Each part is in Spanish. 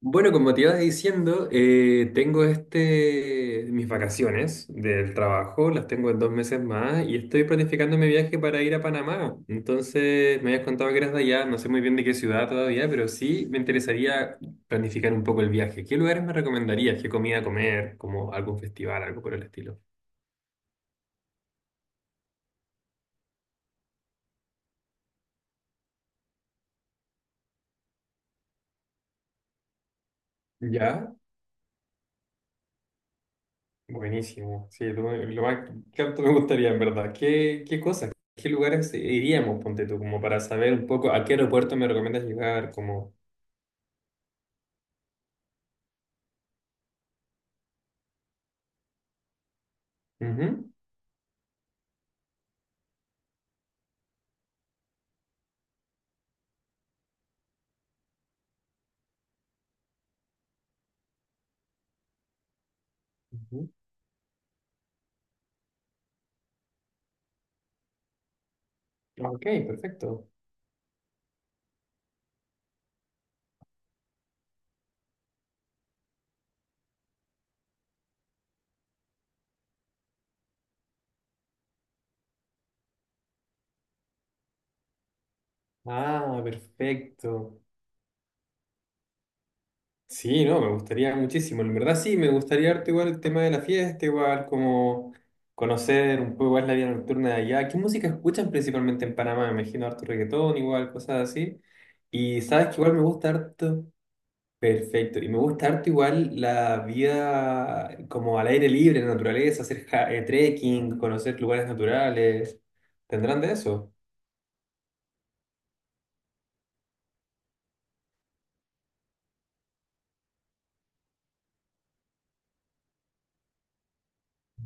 Bueno, como te iba diciendo, tengo mis vacaciones del trabajo, las tengo en 2 meses más y estoy planificando mi viaje para ir a Panamá. Entonces, me habías contado que eras de allá, no sé muy bien de qué ciudad todavía, pero sí me interesaría planificar un poco el viaje. ¿Qué lugares me recomendarías? ¿Qué comida comer? ¿Como algún festival, algo por el estilo? ¿Ya? Buenísimo, sí, lo más que tanto me gustaría, en verdad. ¿Qué cosas, qué lugares iríamos, ponte tú, como para saber un poco a qué aeropuerto me recomiendas llegar? Como, ujú, ujú. Ok, perfecto. Ah, perfecto. Sí, no, me gustaría muchísimo. En verdad, sí, me gustaría harto igual el tema de la fiesta, igual como conocer un poco más la vida nocturna de allá. ¿Qué música escuchan principalmente en Panamá? Me imagino harto reggaetón, igual, cosas así. Y sabes que igual me gusta harto. Perfecto. Y me gusta harto igual la vida como al aire libre, en la naturaleza, hacer trekking, conocer lugares naturales. ¿Tendrán de eso?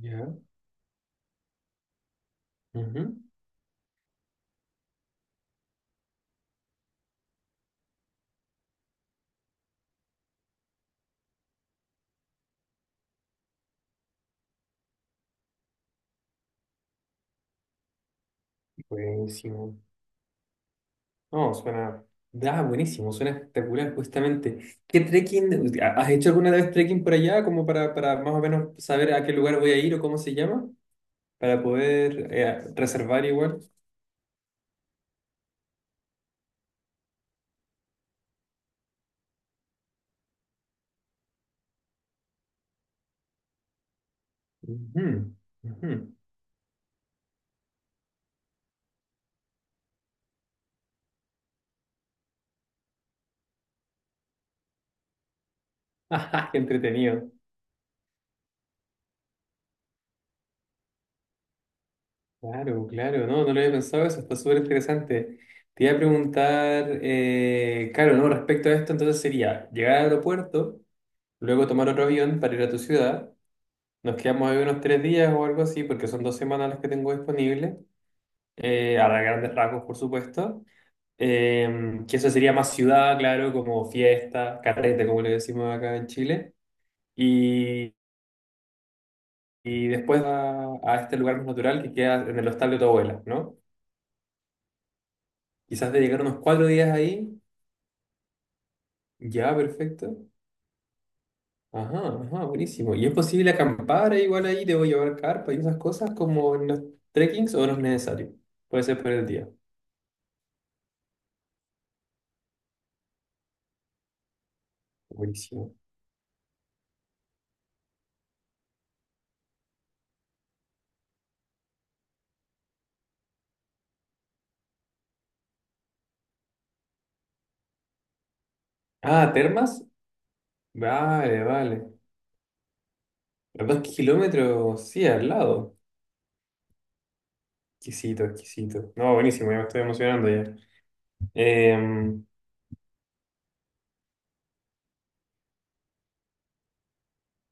Ya. Ujú. Buenísimo. No, suena. Ah, buenísimo, suena espectacular, justamente. ¿Qué trekking? ¿Has hecho alguna vez trekking por allá? Como para más o menos saber a qué lugar voy a ir o cómo se llama, para poder reservar igual. Ujú, ujú. Ajá, qué entretenido. Claro, claro, no, no lo había pensado eso, está súper interesante. Te iba a preguntar, claro, no, respecto a esto, entonces sería llegar al aeropuerto, luego tomar otro avión para ir a tu ciudad, nos quedamos ahí unos 3 días o algo así, porque son 2 semanas las que tengo disponibles, a grandes rasgos, por supuesto. Que eso sería más ciudad, claro, como fiesta, carrete, como le decimos acá en Chile, y, y después a este lugar más natural que queda en el hostal de tu abuela, ¿no? Quizás de llegar unos 4 días ahí. Ya, perfecto. Ajá, ajá, buenísimo. ¿Y es posible acampar igual ahí? ¿Debo llevar carpa y esas cosas como en los trekkings o no es necesario? Puede ser por el día. Buenísimo. Ah, ¿termas? Vale, vale. A 2 kilómetros, sí, al lado. Exquisito, exquisito. No, buenísimo, ya me estoy emocionando ya. Eh,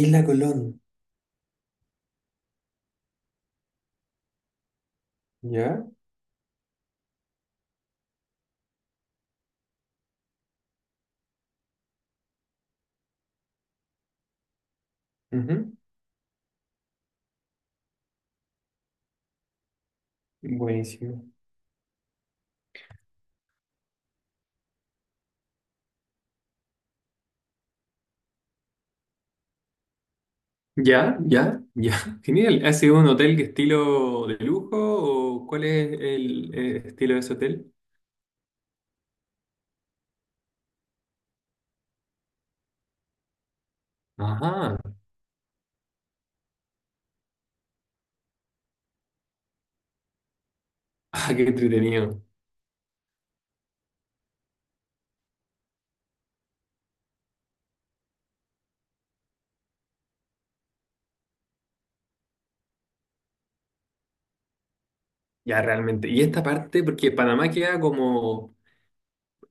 Isla Colón, ¿ya? Ujú. Buenísimo. Ya, ya, ya. Genial. ¿Ha sido un hotel que estilo de lujo o cuál es el estilo de ese hotel? Ajá, ah, qué entretenido. Ya realmente. Y esta parte, porque Panamá queda como,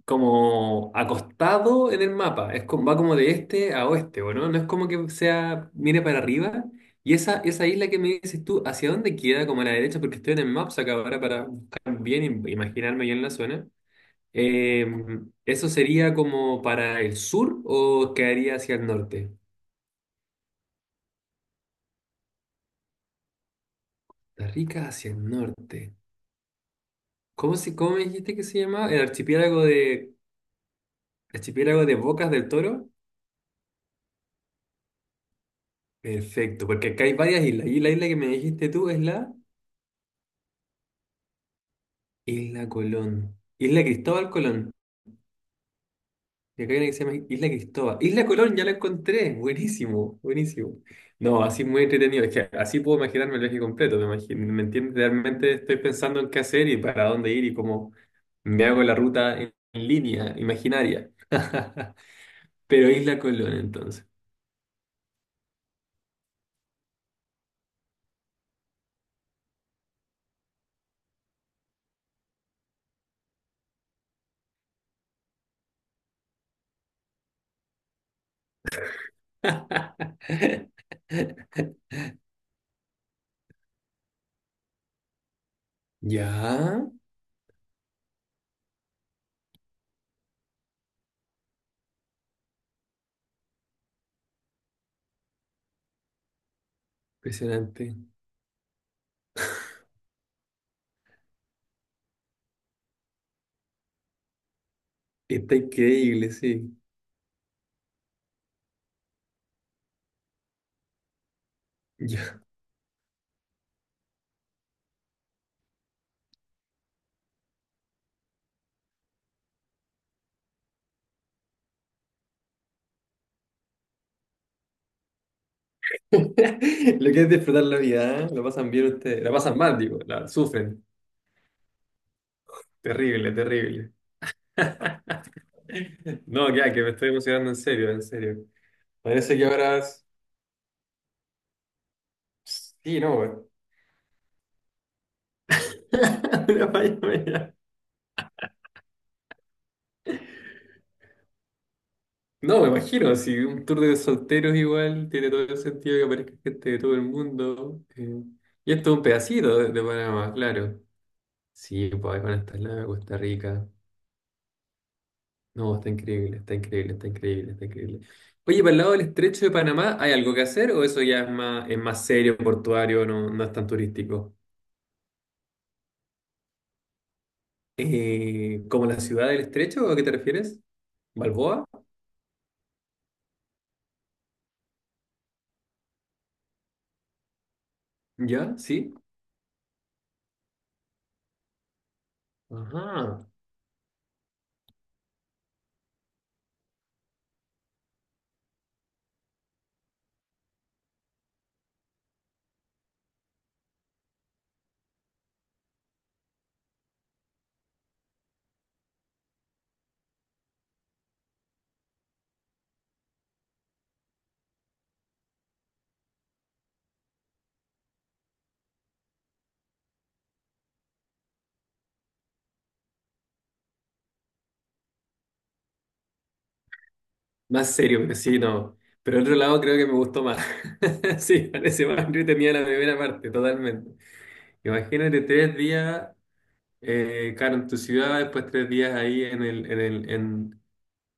como acostado en el mapa, es como, va como de este a oeste, ¿o no? No es como que sea, mire para arriba. Y esa isla que me dices tú, ¿hacia dónde queda? Como a la derecha, porque estoy en el Maps acá ahora para buscar bien y imaginarme bien la zona. Eh, ¿Eso sería como para el sur o quedaría hacia el norte? Costa Rica hacia el norte. ¿Cómo, se, cómo me dijiste que se llamaba? El archipiélago de... Archipiélago de Bocas del Toro. Perfecto, porque acá hay varias islas. Y la isla que me dijiste tú es la Isla Colón. Isla Cristóbal Colón. Y acá hay una que se llama Isla Cristóbal. Isla Colón, ya la encontré. Buenísimo, buenísimo. No, así muy entretenido. Es que así puedo imaginarme el viaje completo. ¿Me imagino, me entiendes? Realmente estoy pensando en qué hacer y para dónde ir y cómo me hago la ruta en línea, imaginaria. Pero Isla Colón, entonces. Ya, impresionante. Está increíble, sí. Yo- Lo que es disfrutar la vida, ¿eh? Lo pasan bien ustedes, la pasan mal, digo, la sufren. Terrible, terrible. No, ya, que me estoy emocionando en serio, en serio. Parece que ahora... Sí, no, güey. Una falla mía. No, me imagino, si un tour de solteros igual tiene todo el sentido que aparezca gente de todo el mundo. Y esto es un pedacito de Panamá, claro. Sí, pues ahí van a estar la Costa Rica. No, está increíble, está increíble, está increíble, está increíble. Oye, para el lado del estrecho de Panamá, ¿hay algo que hacer o eso ya es más serio, portuario, no, no es tan turístico? ¿Como la ciudad del estrecho? ¿A qué te refieres? ¿Balboa? ¿Ya? ¿Sí? Ajá. Más serio, pero sí, no. Pero el otro lado creo que me gustó más. Sí, parece más tenía la primera parte, totalmente. Imagínate 3 días, claro, en tu ciudad, después 3 días ahí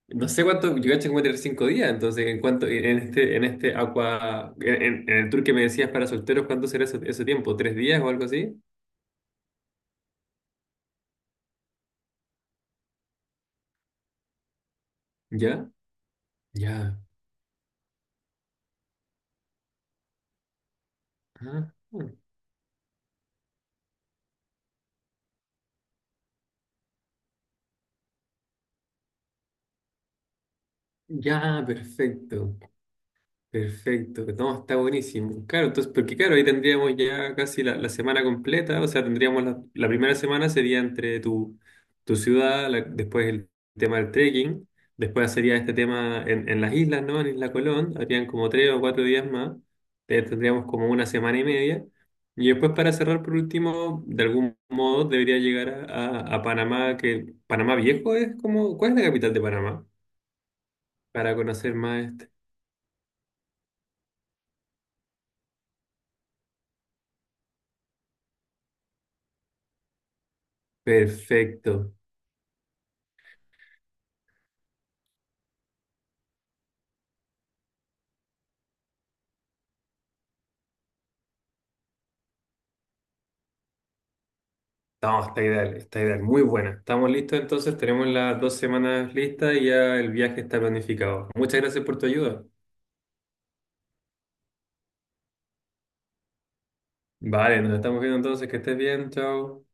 No sé cuánto, yo caché como tener 5 días, entonces en cuanto, en este agua, en el tour que me decías para solteros, ¿cuánto será ese tiempo? ¿3 días o algo así? ¿Ya? Ya. Ah, ya, perfecto. Perfecto, no, está buenísimo. Claro, entonces, porque claro, ahí tendríamos ya casi la semana completa, o sea, tendríamos la primera semana sería entre tu, tu ciudad, la- después el tema del trekking, después sería este tema en las islas, ¿no? En Isla Colón, habrían como 3 o 4 días más, tendríamos como una semana y media, y después para cerrar por último, de algún modo debería llegar a Panamá, que Panamá Viejo es como, ¿cuál es la capital de Panamá? Para conocer más este. Perfecto. No, está ideal, muy buena. Estamos listos entonces, tenemos las 2 semanas listas y ya el viaje está planificado. Muchas gracias por tu ayuda. Vale, nos estamos viendo entonces, que estés bien, chao.